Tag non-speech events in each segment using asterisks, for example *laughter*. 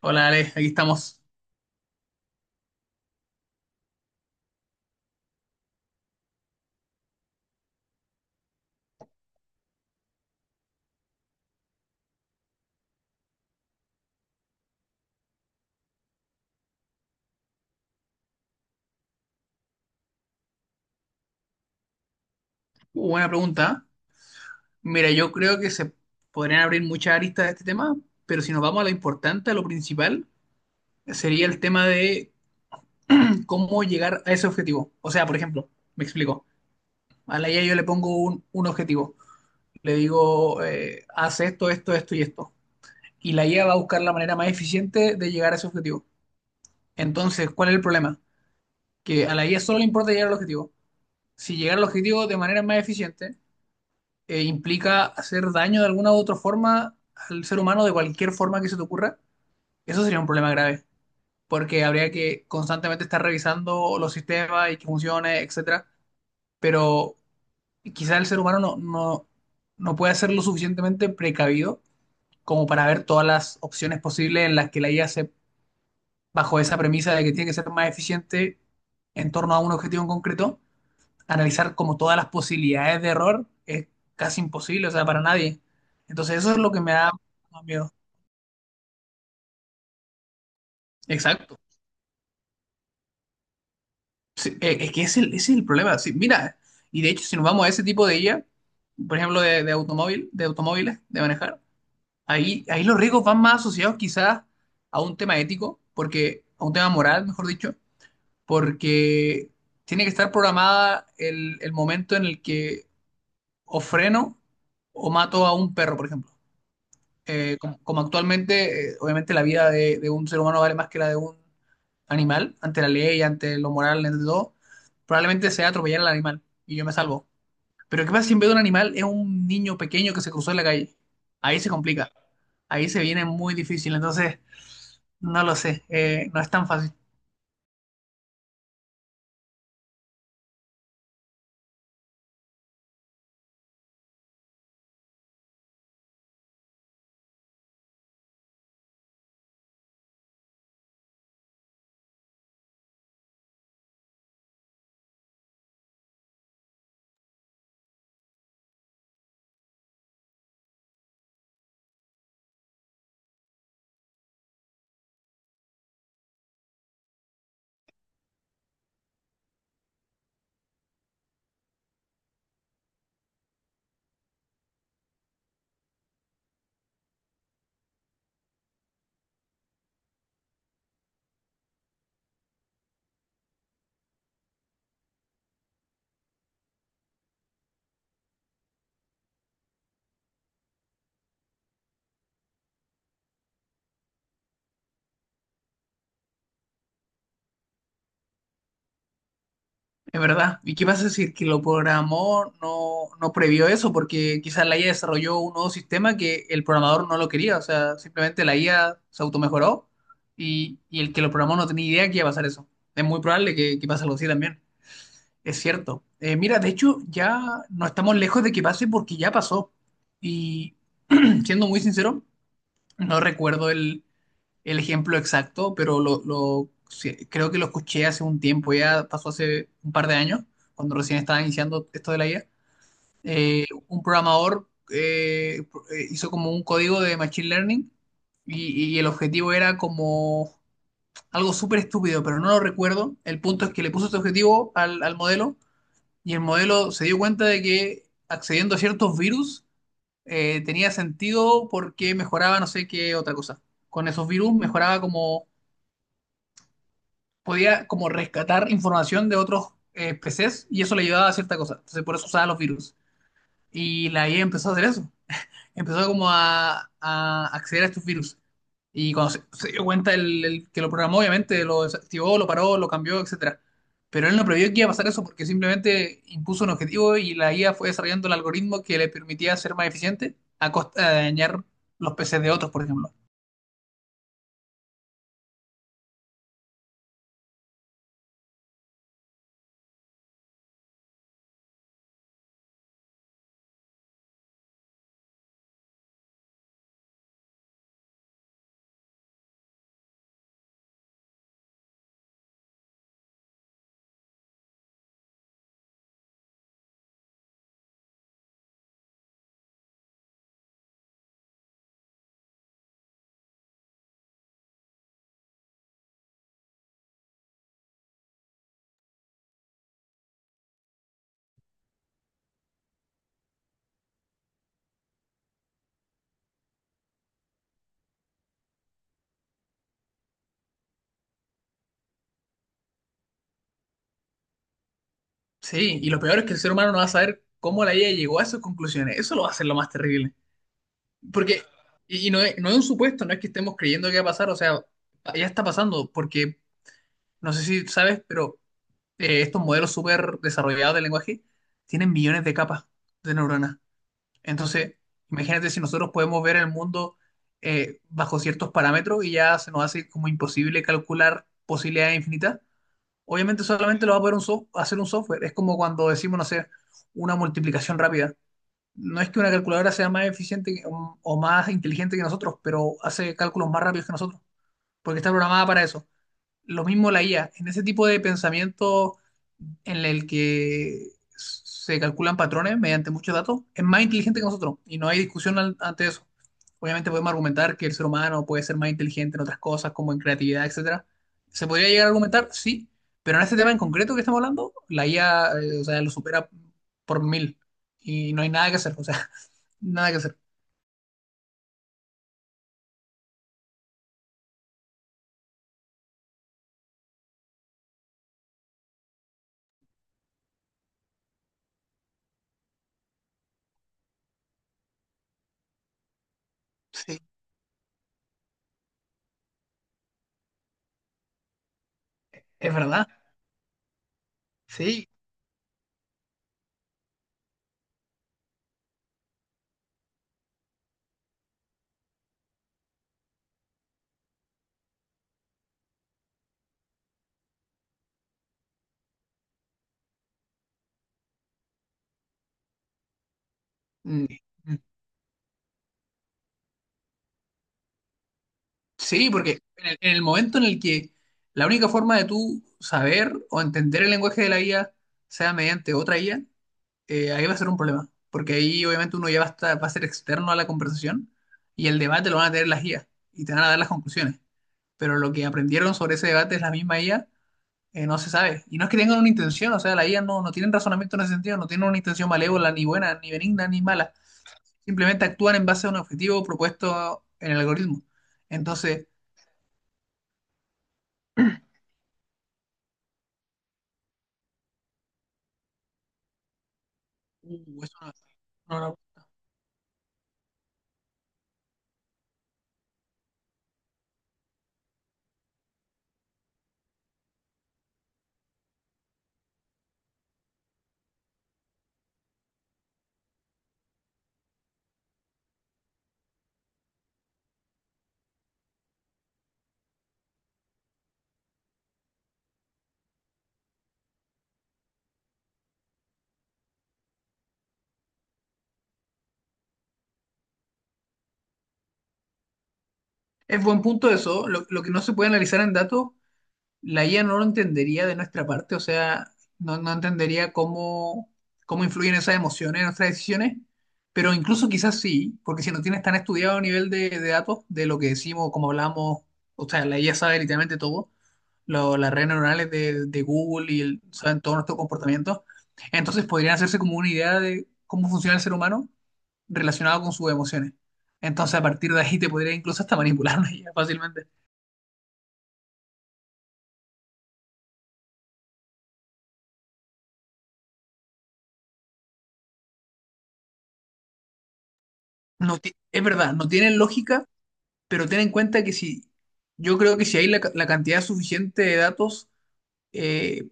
Hola Ale, aquí estamos. Buena pregunta. Mira, yo creo que se podrían abrir muchas aristas de este tema, pero si nos vamos a lo importante, a lo principal, sería el tema de *clears throat* cómo llegar a ese objetivo. O sea, por ejemplo, me explico. A la IA yo le pongo un objetivo. Le digo, haz esto, esto, esto y esto. Y la IA va a buscar la manera más eficiente de llegar a ese objetivo. Entonces, ¿cuál es el problema? Que a la IA solo le importa llegar al objetivo. Si llegar al objetivo de manera más eficiente, implica hacer daño de alguna u otra forma al ser humano, de cualquier forma que se te ocurra, eso sería un problema grave, porque habría que constantemente estar revisando los sistemas y que funcione, etcétera. Pero quizá el ser humano no puede ser lo suficientemente precavido como para ver todas las opciones posibles en las que la IA se, bajo esa premisa de que tiene que ser más eficiente en torno a un objetivo en concreto, analizar como todas las posibilidades de error es casi imposible, o sea, para nadie. Entonces eso es lo que me da más miedo. Exacto. Sí, es que ese es el problema. Sí, mira, y de hecho, si nos vamos a ese tipo de IA, por ejemplo, de automóvil, de automóviles, de manejar, ahí los riesgos van más asociados quizás a un tema ético, porque, a un tema moral, mejor dicho, porque tiene que estar programada el momento en el que o freno o mato a un perro, por ejemplo. Como actualmente, obviamente la vida de un ser humano vale más que la de un animal, ante la ley, ante lo moral, ante todo, probablemente sea atropellar al animal y yo me salvo. Pero ¿qué pasa si en vez de un animal es un niño pequeño que se cruzó en la calle? Ahí se complica, ahí se viene muy difícil, entonces no lo sé, no es tan fácil. Es verdad. ¿Y qué pasa si el que lo programó no previó eso? Porque quizás la IA desarrolló un nuevo sistema que el programador no lo quería. O sea, simplemente la IA se automejoró y el que lo programó no tenía idea que iba a pasar eso. Es muy probable que pase algo así también. Es cierto. Mira, de hecho, ya no estamos lejos de que pase porque ya pasó. Y *clears throat* siendo muy sincero, no recuerdo el ejemplo exacto, pero sí, creo que lo escuché hace un tiempo, ya pasó hace un par de años, cuando recién estaba iniciando esto de la IA. Un programador hizo como un código de Machine Learning y el objetivo era como algo súper estúpido, pero no lo recuerdo. El punto es que le puso este objetivo al modelo y el modelo se dio cuenta de que accediendo a ciertos virus tenía sentido porque mejoraba no sé qué otra cosa. Con esos virus mejoraba como podía como rescatar información de otros PCs y eso le ayudaba a cierta cosa. Entonces por eso usaba los virus. Y la IA empezó a hacer eso. Empezó como a acceder a estos virus. Y cuando se dio cuenta el que lo programó, obviamente lo desactivó, lo paró, lo cambió, etcétera. Pero él no previó que iba a pasar eso porque simplemente impuso un objetivo y la IA fue desarrollando el algoritmo que le permitía ser más eficiente a costa de dañar los PCs de otros, por ejemplo. Sí, y lo peor es que el ser humano no va a saber cómo la IA llegó a esas conclusiones. Eso lo va a hacer lo más terrible. Porque, y no es, no es un supuesto, no es que estemos creyendo que va a pasar, o sea, ya está pasando, porque no sé si sabes, pero estos modelos súper desarrollados de lenguaje tienen millones de capas de neuronas. Entonces, imagínate si nosotros podemos ver el mundo bajo ciertos parámetros y ya se nos hace como imposible calcular posibilidades infinitas. Obviamente solamente lo va a poder un hacer un software. Es como cuando decimos, no sé, una multiplicación rápida no es que una calculadora sea más eficiente que- o más inteligente que nosotros, pero hace cálculos más rápidos que nosotros, porque está programada para eso. Lo mismo la IA, en ese tipo de pensamiento en el que se calculan patrones mediante muchos datos, es más inteligente que nosotros y no hay discusión al- ante eso. Obviamente podemos argumentar que el ser humano puede ser más inteligente en otras cosas, como en creatividad, etcétera. ¿Se podría llegar a argumentar? Sí, pero en este tema en concreto que estamos hablando, la IA, o sea, lo supera por mil y no hay nada que hacer, o sea, *laughs* nada que hacer. Sí, es verdad. Sí. Mm. Sí, porque en el momento en el que la única forma de tú saber o entender el lenguaje de la IA sea mediante otra IA, ahí va a ser un problema. Porque ahí obviamente uno ya va a, estar- va a ser externo a la conversación y el debate lo van a tener las IA y te van a dar las conclusiones. Pero lo que aprendieron sobre ese debate es la misma IA, no se sabe. Y no es que tengan una intención, o sea, la IA no tienen razonamiento en ese sentido, no tienen una intención malévola, ni buena, ni benigna, ni mala. Simplemente actúan en base a un objetivo propuesto en el algoritmo. Entonces... eso no, No, no. Es buen punto eso. Lo que no se puede analizar en datos, la IA no lo entendería de nuestra parte, o sea, no entendería cómo, cómo influyen esas emociones en nuestras decisiones, pero incluso quizás sí, porque si no tienes tan estudiado a nivel de datos, de lo que decimos, cómo hablamos, o sea, la IA sabe literalmente todo, las redes neuronales de Google y el- saben todo nuestro comportamiento, entonces podrían hacerse como una idea de cómo funciona el ser humano relacionado con sus emociones. Entonces, a partir de ahí te podría incluso hasta manipular una IA fácilmente. Es verdad, no tiene lógica. Pero ten en cuenta que si, yo creo que si hay la cantidad suficiente de datos, eh,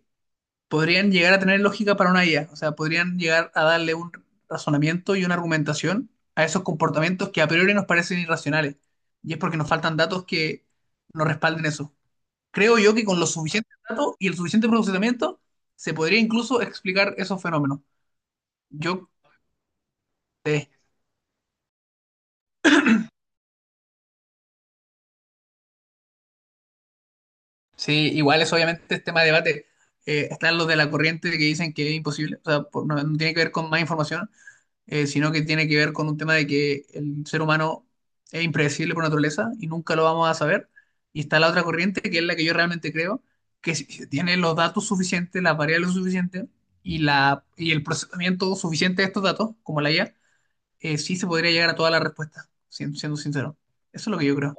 podrían llegar a tener lógica para una IA. O sea, podrían llegar a darle un razonamiento y una argumentación a esos comportamientos que a priori nos parecen irracionales. Y es porque nos faltan datos que nos respalden eso. Creo yo que con los suficientes datos y el suficiente procesamiento se podría incluso explicar esos fenómenos. Yo eh, Sí, igual es obviamente tema de debate. Están los de la corriente que dicen que es imposible, o sea, no, no tiene que ver con más información, sino que tiene que ver con un tema de que el ser humano es impredecible por naturaleza y nunca lo vamos a saber. Y está la otra corriente, que es la que yo realmente creo, que si se tiene los datos suficientes, las variables suficientes y el procesamiento suficiente de estos datos, como la IA, sí se podría llegar a todas las respuestas, siendo sincero. Eso es lo que yo creo.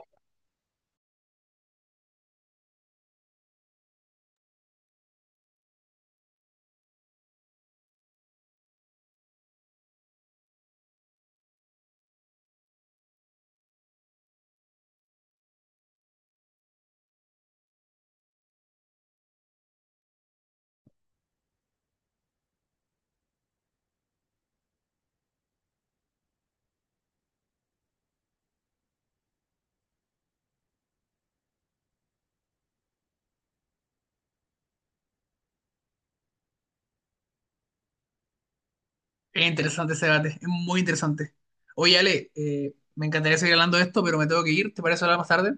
Es interesante ese debate, es muy interesante. Oye, Ale, me encantaría seguir hablando de esto, pero me tengo que ir. ¿Te parece hablar más tarde?